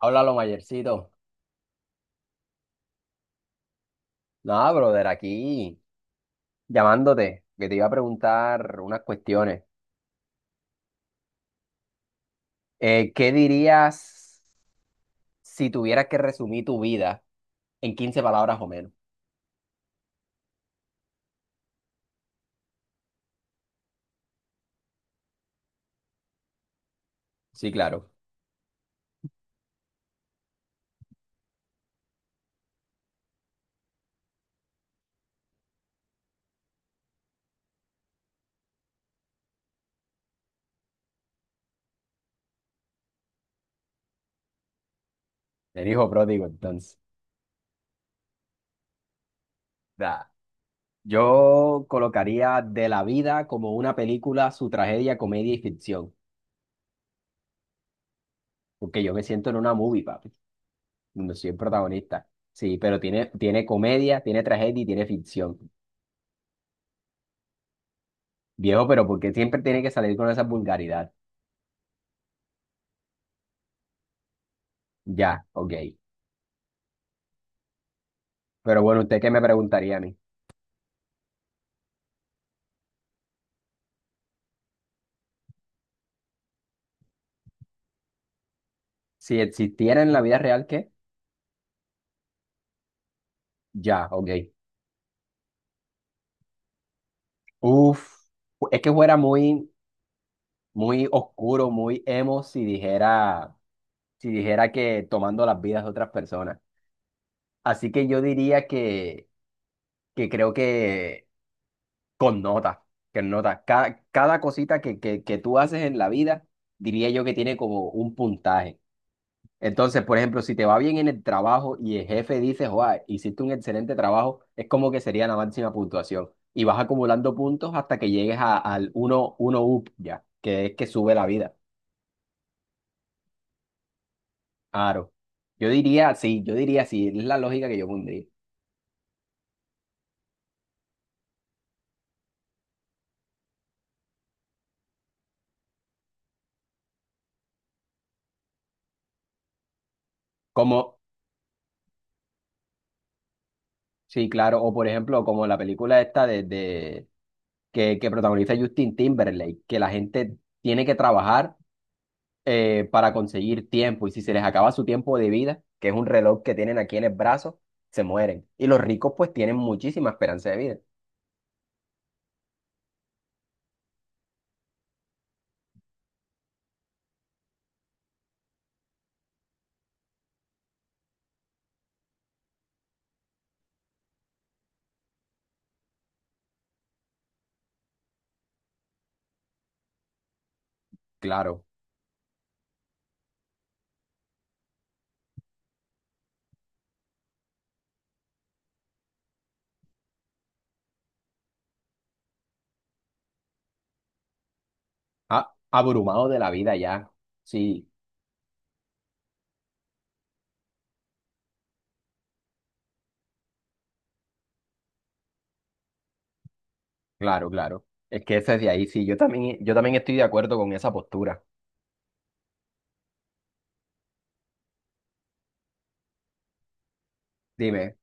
Háblalo, Mayercito. Nada, brother, aquí llamándote, que te iba a preguntar unas cuestiones. ¿Qué dirías si tuvieras que resumir tu vida en 15 palabras o menos? Sí, claro. El hijo pródigo, entonces. Da. Yo colocaría de la vida como una película, su tragedia, comedia y ficción. Porque yo me siento en una movie, papi, donde soy el protagonista. Sí, pero tiene comedia, tiene tragedia y tiene ficción. Viejo, ¿pero porque siempre tiene que salir con esa vulgaridad? Ya, ok. Pero bueno, ¿usted qué me preguntaría a mí? Si existiera en la vida real, ¿qué? Ya, ok. Uf, es que fuera muy oscuro, muy emo si dijera, si dijera que tomando las vidas de otras personas. Así que yo diría que creo que con notas, que notas. Cada cosita que tú haces en la vida, diría yo que tiene como un puntaje. Entonces, por ejemplo, si te va bien en el trabajo y el jefe dice, joa, hiciste un excelente trabajo, es como que sería la máxima puntuación. Y vas acumulando puntos hasta que llegues al uno up ya, que es que sube la vida. Claro. Yo diría, sí, es la lógica que yo pondría. Como, sí, claro, o por ejemplo, como la película esta que, protagoniza Justin Timberlake, que la gente tiene que trabajar para conseguir tiempo. Y si se les acaba su tiempo de vida, que es un reloj que tienen aquí en el brazo, se mueren. Y los ricos pues tienen muchísima esperanza de vida. Claro, ah, abrumados de la vida ya. Sí, claro, claro. Es que eso es de ahí, sí. Yo también estoy de acuerdo con esa postura. Dime,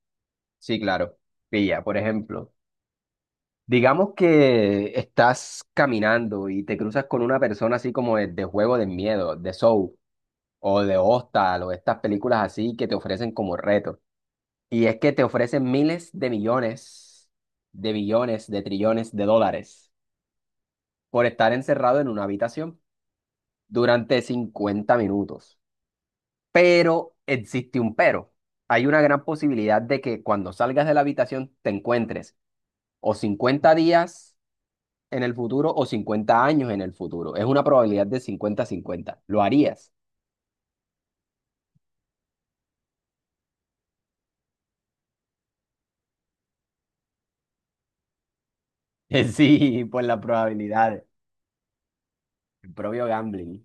sí, claro. Pilla, por ejemplo, digamos que estás caminando y te cruzas con una persona así como de juego de miedo, de Soul o de Hostal o estas películas así que te ofrecen como retos. Y es que te ofrecen miles de millones, de billones, de trillones de dólares por estar encerrado en una habitación durante 50 minutos. Pero existe un pero. Hay una gran posibilidad de que cuando salgas de la habitación te encuentres o 50 días en el futuro o 50 años en el futuro. Es una probabilidad de 50 cincuenta. ¿Lo harías? Sí, por la probabilidad. El propio gambling.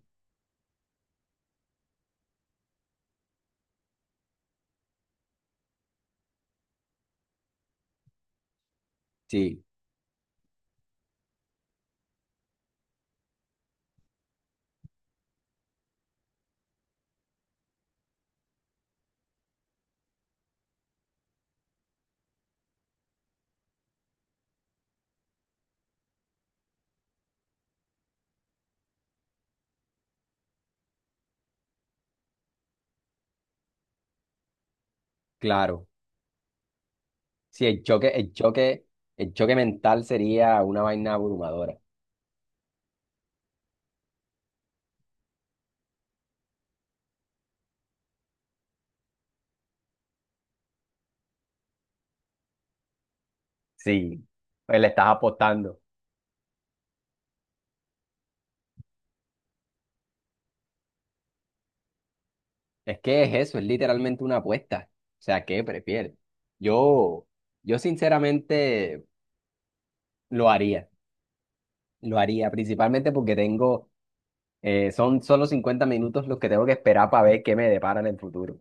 Sí, claro. Sí, el choque mental sería una vaina abrumadora. Sí, pues le estás apostando. Es que es eso, es literalmente una apuesta. O sea, ¿qué prefieres? Yo, yo sinceramente lo haría, lo haría, principalmente porque son solo 50 minutos los que tengo que esperar para ver qué me depara en el futuro.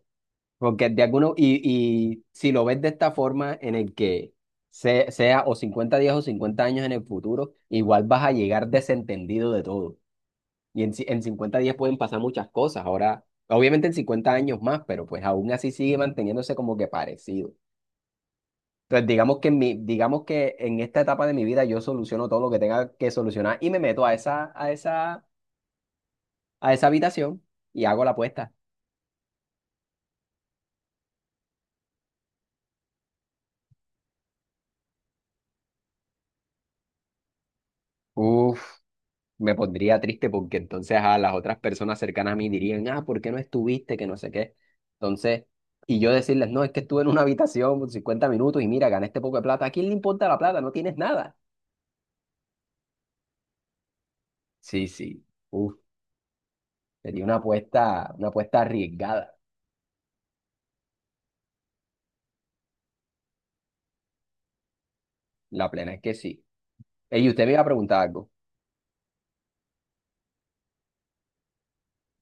Porque de alguno, y si lo ves de esta forma en el que sea o 50 días o 50 años en el futuro, igual vas a llegar desentendido de todo. Y en 50 días pueden pasar muchas cosas. Ahora, obviamente en 50 años más, pero pues aún así sigue manteniéndose como que parecido. Entonces, digamos que en esta etapa de mi vida yo soluciono todo lo que tenga que solucionar y me meto a esa habitación y hago la apuesta. Uf, me pondría triste porque entonces a las otras personas cercanas a mí dirían, ah, ¿por qué no estuviste? Que no sé qué. Entonces, y yo decirles, no, es que estuve en una habitación por 50 minutos y mira, gané este poco de plata. ¿A quién le importa la plata? No tienes nada. Sí, sí. Uf. Sería una apuesta arriesgada. La plena es que sí. Ey, usted me iba a preguntar algo.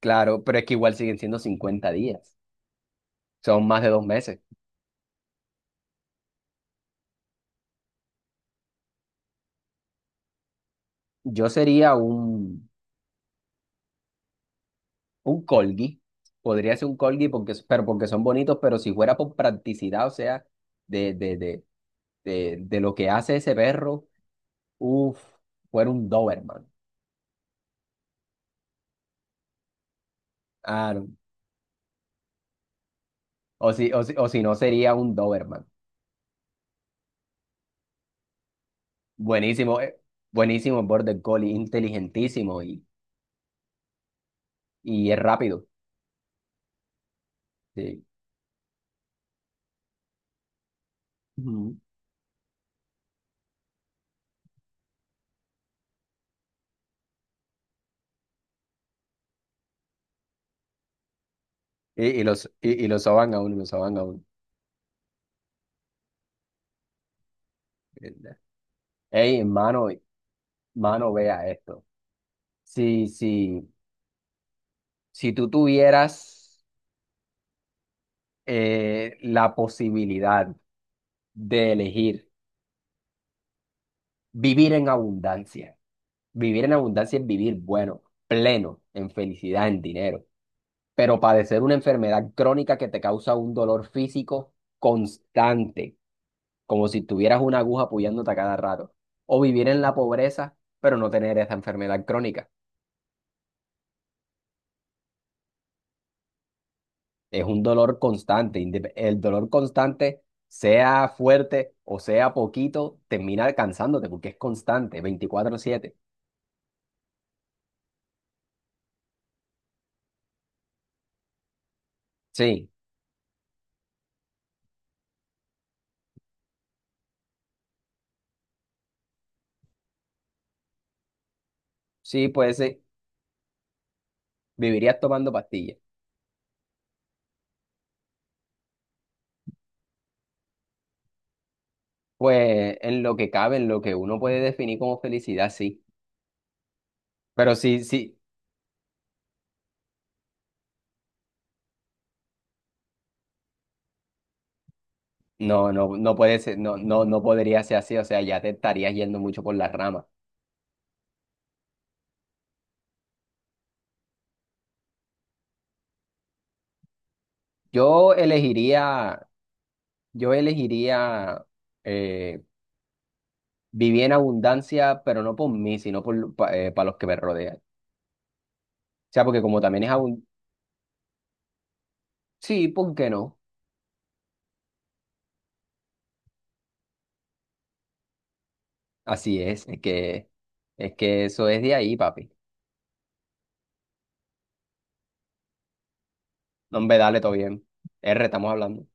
Claro, pero es que igual siguen siendo 50 días. Son más de dos meses. Yo sería un corgi. Podría ser un corgi porque, pero porque son bonitos, pero si fuera por practicidad, o sea, de, de, de, de lo que hace ese perro, uff, fuera un Doberman. Ah, no. O si no, sería un Doberman. Buenísimo, buenísimo Border Collie, inteligentísimo y es rápido. Sí. Ujú. Y los soban a uno, lo soban a uno. Ey, hermano, mano, vea esto. Si, si, si tú tuvieras la posibilidad de elegir vivir en abundancia, vivir en abundancia es vivir bueno, pleno, en felicidad, en dinero, pero padecer una enfermedad crónica que te causa un dolor físico constante, como si tuvieras una aguja apoyándote a cada rato, o vivir en la pobreza, pero no tener esa enfermedad crónica. Es un dolor constante. El dolor constante, sea fuerte o sea poquito, termina alcanzándote porque es constante, 24/7. Sí, sí, pues sí, vivirías tomando pastillas. Pues en lo que cabe, en lo que uno puede definir como felicidad, sí. Pero sí, sí, no, no, no puede ser, no, no, no podría ser así. O sea, ya te estarías yendo mucho por las ramas. Yo elegiría, yo elegiría eh, viví en abundancia, pero no por mí, sino por, para los que me rodean. O sea, porque como también es abundancia, sí, ¿por qué no? Así es, es que eso es de ahí, papi. No, hombre, dale, todo bien. R, estamos hablando.